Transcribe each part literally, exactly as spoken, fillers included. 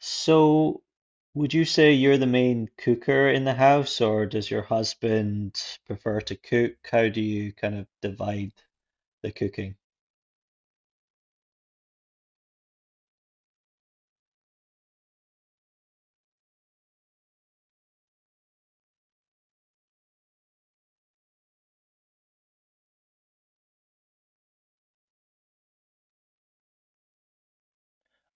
So, would you say you're the main cooker in the house, or does your husband prefer to cook? How do you kind of divide the cooking?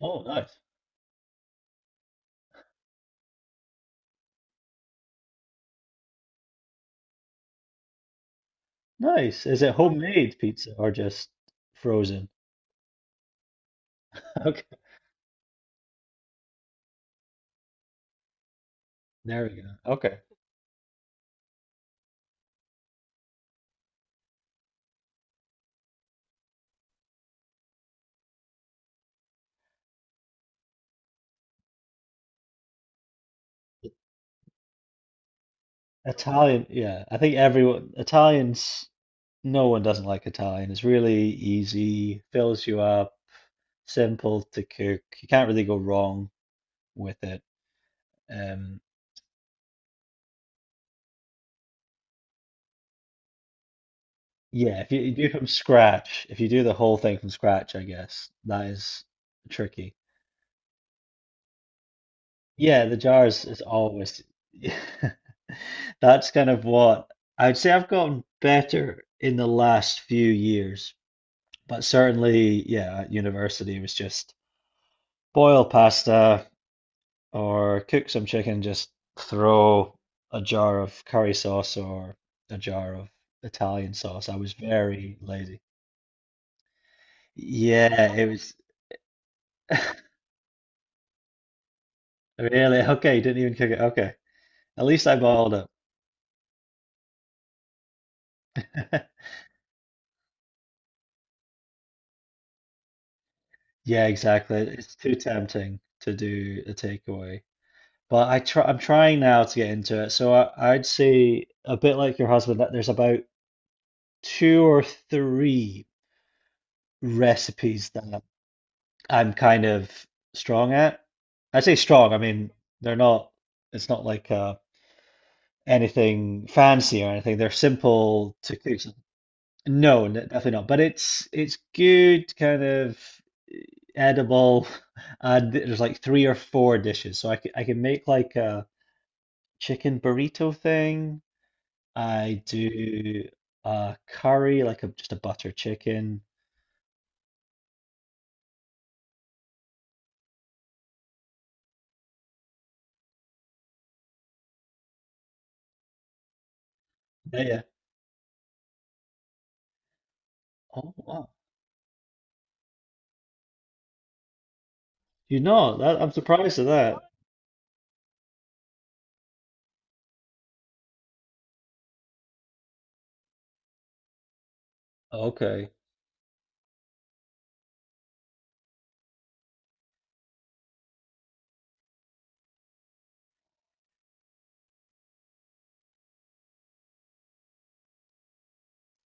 Oh, nice. Nice. Is it homemade pizza or just frozen? Okay, there we go. Okay. Italian, yeah. I think everyone, Italians, no one doesn't like Italian. It's really easy, fills you up, simple to cook. You can't really go wrong with it. Um, Yeah, if you, you do from scratch, if you do the whole thing from scratch, I guess that is tricky. Yeah, the jars is always. That's kind of what I'd say. I've gotten better in the last few years, but certainly, yeah, at university it was just boil pasta or cook some chicken, just throw a jar of curry sauce or a jar of Italian sauce. I was very lazy. Yeah, it was. Really? Okay, you didn't even cook it. Okay. At least I balled up. Yeah, exactly. It's too tempting to do a takeaway. But I try I'm trying now to get into it. So I, I'd say, a bit like your husband, that there's about two or three recipes that I'm kind of strong at. I say strong, I mean they're not, it's not like uh anything fancy or anything. They're simple to cook. No, n- definitely not. But it's it's good, kind of edible. Uh, there's like three or four dishes, so I could I can make like a chicken burrito thing. I do a curry, like a, just a butter chicken. Yeah, yeah. Oh wow. You know, that I'm surprised at that. Okay.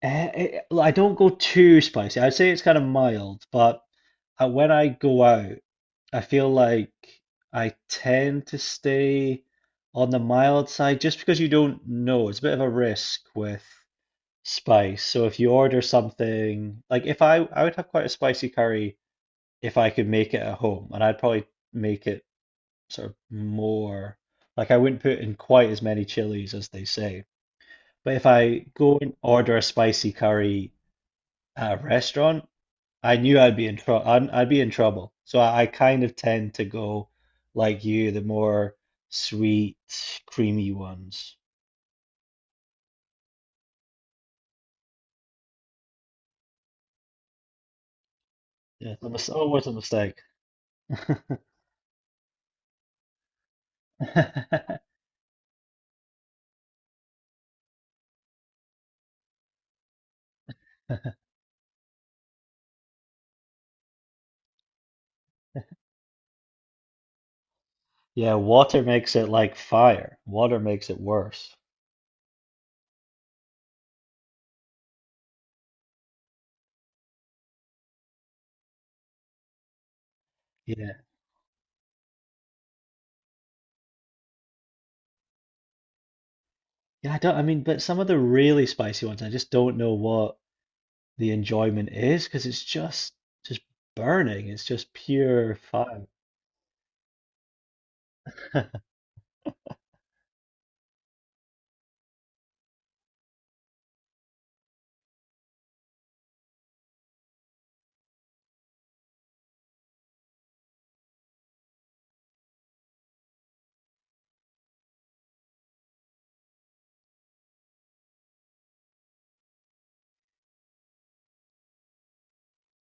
Eh, eh, well, I don't go too spicy. I'd say it's kind of mild, but uh, when I go out, I feel like I tend to stay on the mild side just because you don't know. It's a bit of a risk with spice. So if you order something, like if I I would have quite a spicy curry if I could make it at home, and I'd probably make it sort of more, like, I wouldn't put in quite as many chilies as they say. But if I go and order a spicy curry at a restaurant, I knew I'd be in trouble. I'd, I'd be in trouble. So I, I kind of tend to go like you, the more sweet, creamy ones. Yeah, it's a mis- always a mistake. Yeah, water makes it like fire. Water makes it worse. Yeah. Yeah, I don't, I mean, but some of the really spicy ones, I just don't know what the enjoyment is, because it's just just burning. It's just pure fire.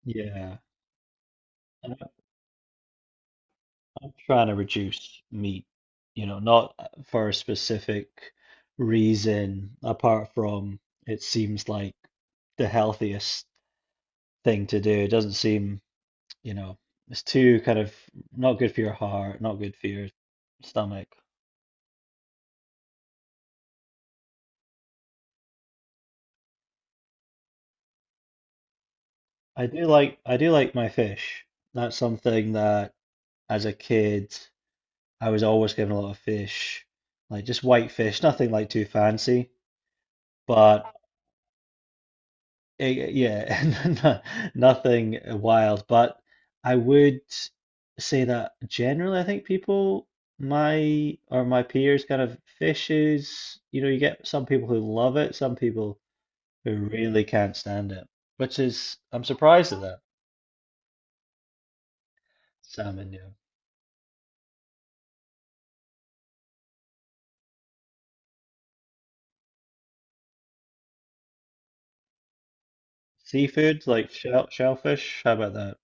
Yeah. And I- I'm trying to reduce meat, you know, not for a specific reason apart from it seems like the healthiest thing to do. It doesn't seem. You know, it's too kind of not good for your heart, not good for your stomach. I do like I do like my fish. That's something that as a kid I was always given a lot of fish, like just white fish, nothing like too fancy, but it, yeah, no- nothing wild. But I would say that generally, I think people my or my peers kind of fishes. You know, you get some people who love it, some people who really can't stand it, which is, I'm surprised at that. Salmon, yeah. Seafood, like shell, shellfish, how about that?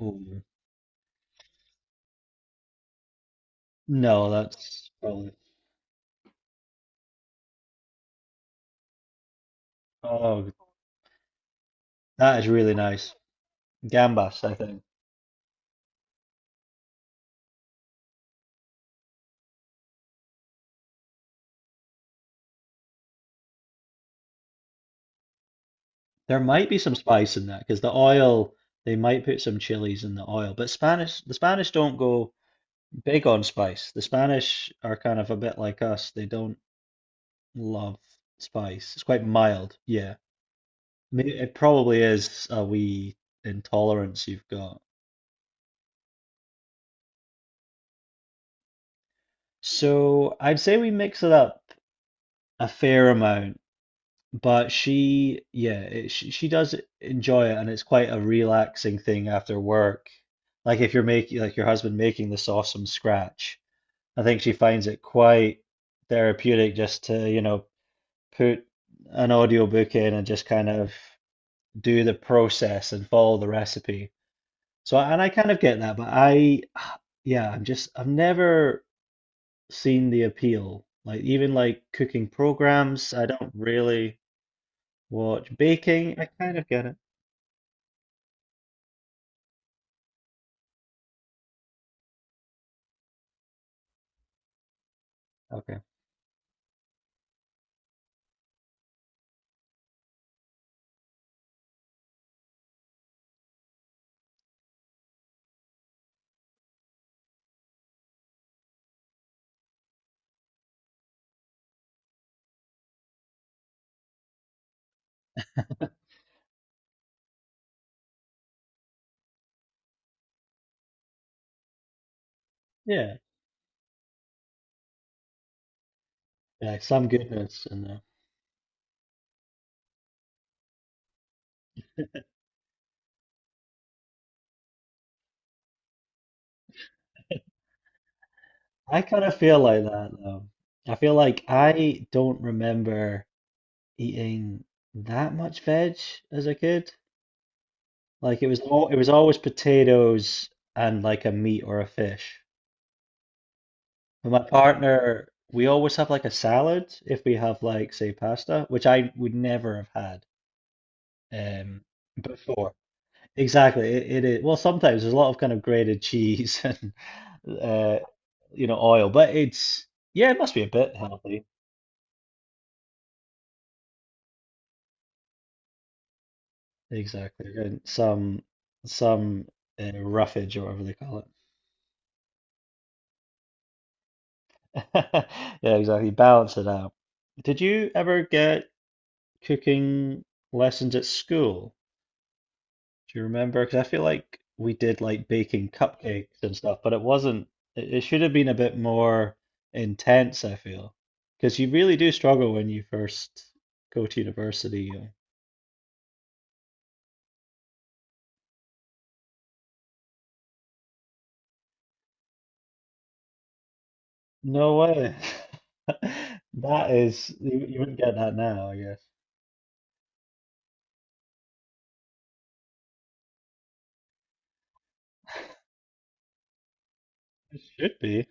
Ooh. No, that's probably, oh, that is really nice. Gambas, I think. There might be some spice in that because the oil, they might put some chilies in the oil, but Spanish, the Spanish don't go big on spice. The Spanish are kind of a bit like us. They don't love spice. It's quite mild, yeah. I mean, it probably is a wee intolerance you've got. So I'd say we mix it up a fair amount, but she, yeah, it, she, she does enjoy it, and it's quite a relaxing thing after work. Like if you're making, like your husband making the sauce from scratch, I think she finds it quite therapeutic just to, you know, put an audiobook in and just kind of do the process and follow the recipe. So, and I kind of get that, but I, yeah, I'm just, I've never seen the appeal. Like even like cooking programs, I don't really watch. Baking I kind of get it. Okay. Yeah. Yeah, some goodness in there. I kind of feel like that though. I feel like I don't remember eating that much veg as a kid. Like it was all it was always potatoes and like a meat or a fish. But my partner, we always have like a salad if we have like say pasta, which I would never have had um before. Exactly. It, it is. Well, sometimes there's a lot of kind of grated cheese and uh, you know, oil, but it's, yeah, it must be a bit healthy. Exactly. And some some uh, roughage or whatever they call it. Yeah, exactly. Balance it out. Did you ever get cooking lessons at school? Do you remember? Because I feel like we did like baking cupcakes and stuff, but it wasn't, it, it should have been a bit more intense, I feel. Because you really do struggle when you first go to university. uh, No way. That is, you, you wouldn't get that now, I guess. It should be.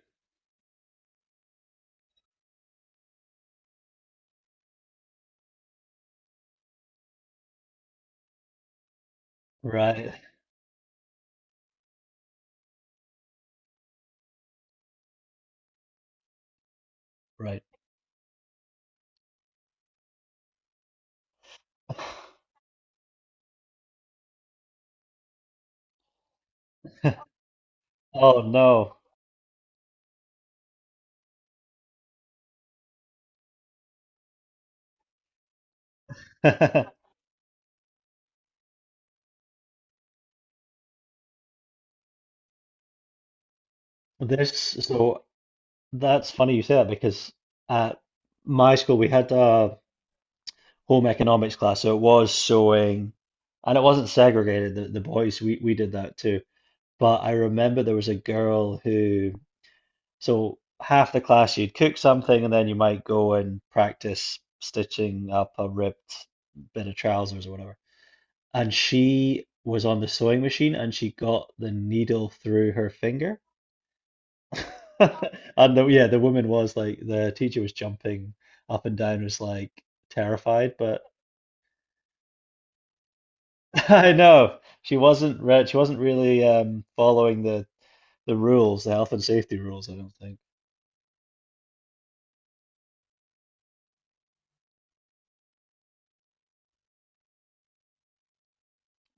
Right, right. Oh no. This, so that's funny you say that because at my school we had a home economics class, so it was sewing, and it wasn't segregated. The, the boys, we, we did that too. But I remember there was a girl who, so half the class you'd cook something, and then you might go and practice stitching up a ripped bit of trousers or whatever. And she was on the sewing machine, and she got the needle through her finger. And the, yeah, the woman was like, the teacher was jumping up and down, was like terrified, but I know she wasn't re she wasn't really um, following the the rules, the health and safety rules, I don't think.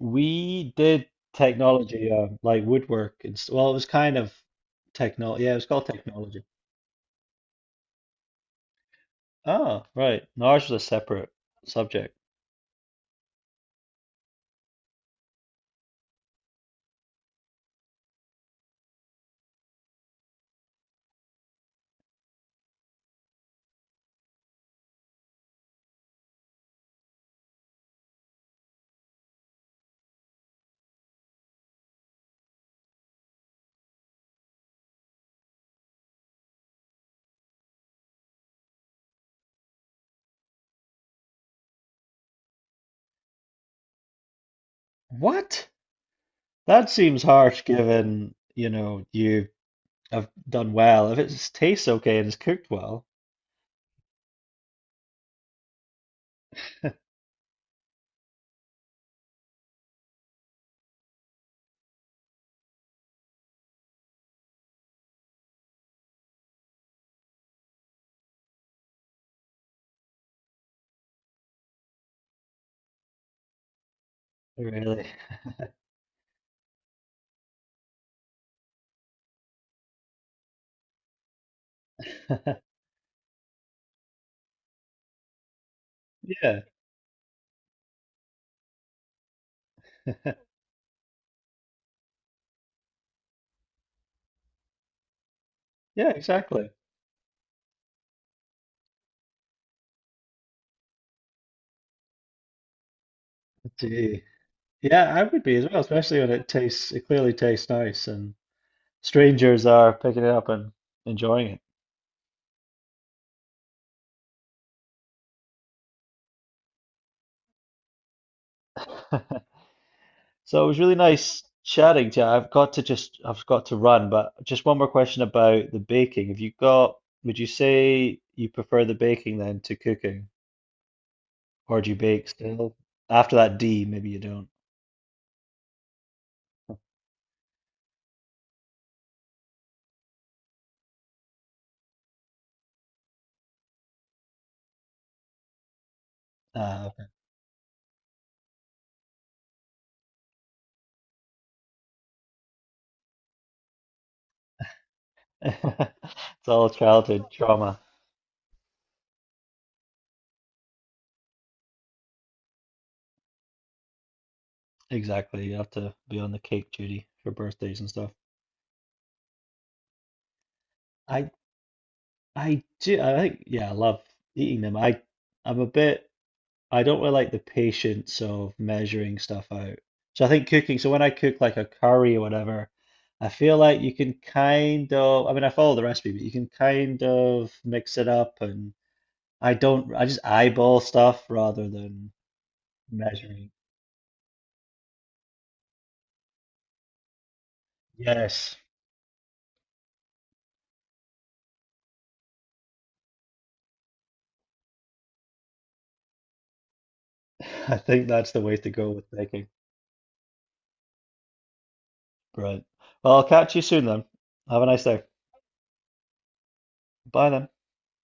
We did technology, uh, like woodwork and s- well, it was kind of technology. Yeah, it was called technology. Oh, right. No, ours was a separate subject. What? That seems harsh given, you know, you have done well. If it tastes okay and it's cooked well, really. Yeah, yeah, exactly. Gee. Yeah, I would be as well, especially when it tastes, it clearly tastes nice and strangers are picking it up and enjoying it. So it was really nice chatting to you. I've got to just, I've got to run, but just one more question about the baking. Have you got, would you say you prefer the baking then to cooking? Or do you bake still? After that D, maybe you don't. Uh, it's all childhood trauma. Exactly. You have to be on the cake duty for birthdays and stuff. I I do. I think, yeah, I love eating them. I, I'm a bit. I don't really like the patience of measuring stuff out. So I think cooking. So when I cook like a curry or whatever, I feel like you can kind of. I mean, I follow the recipe, but you can kind of mix it up, and I don't. I just eyeball stuff rather than measuring. Yes, I think that's the way to go with baking. Right. Well, I'll catch you soon then. Have a nice day. Bye then.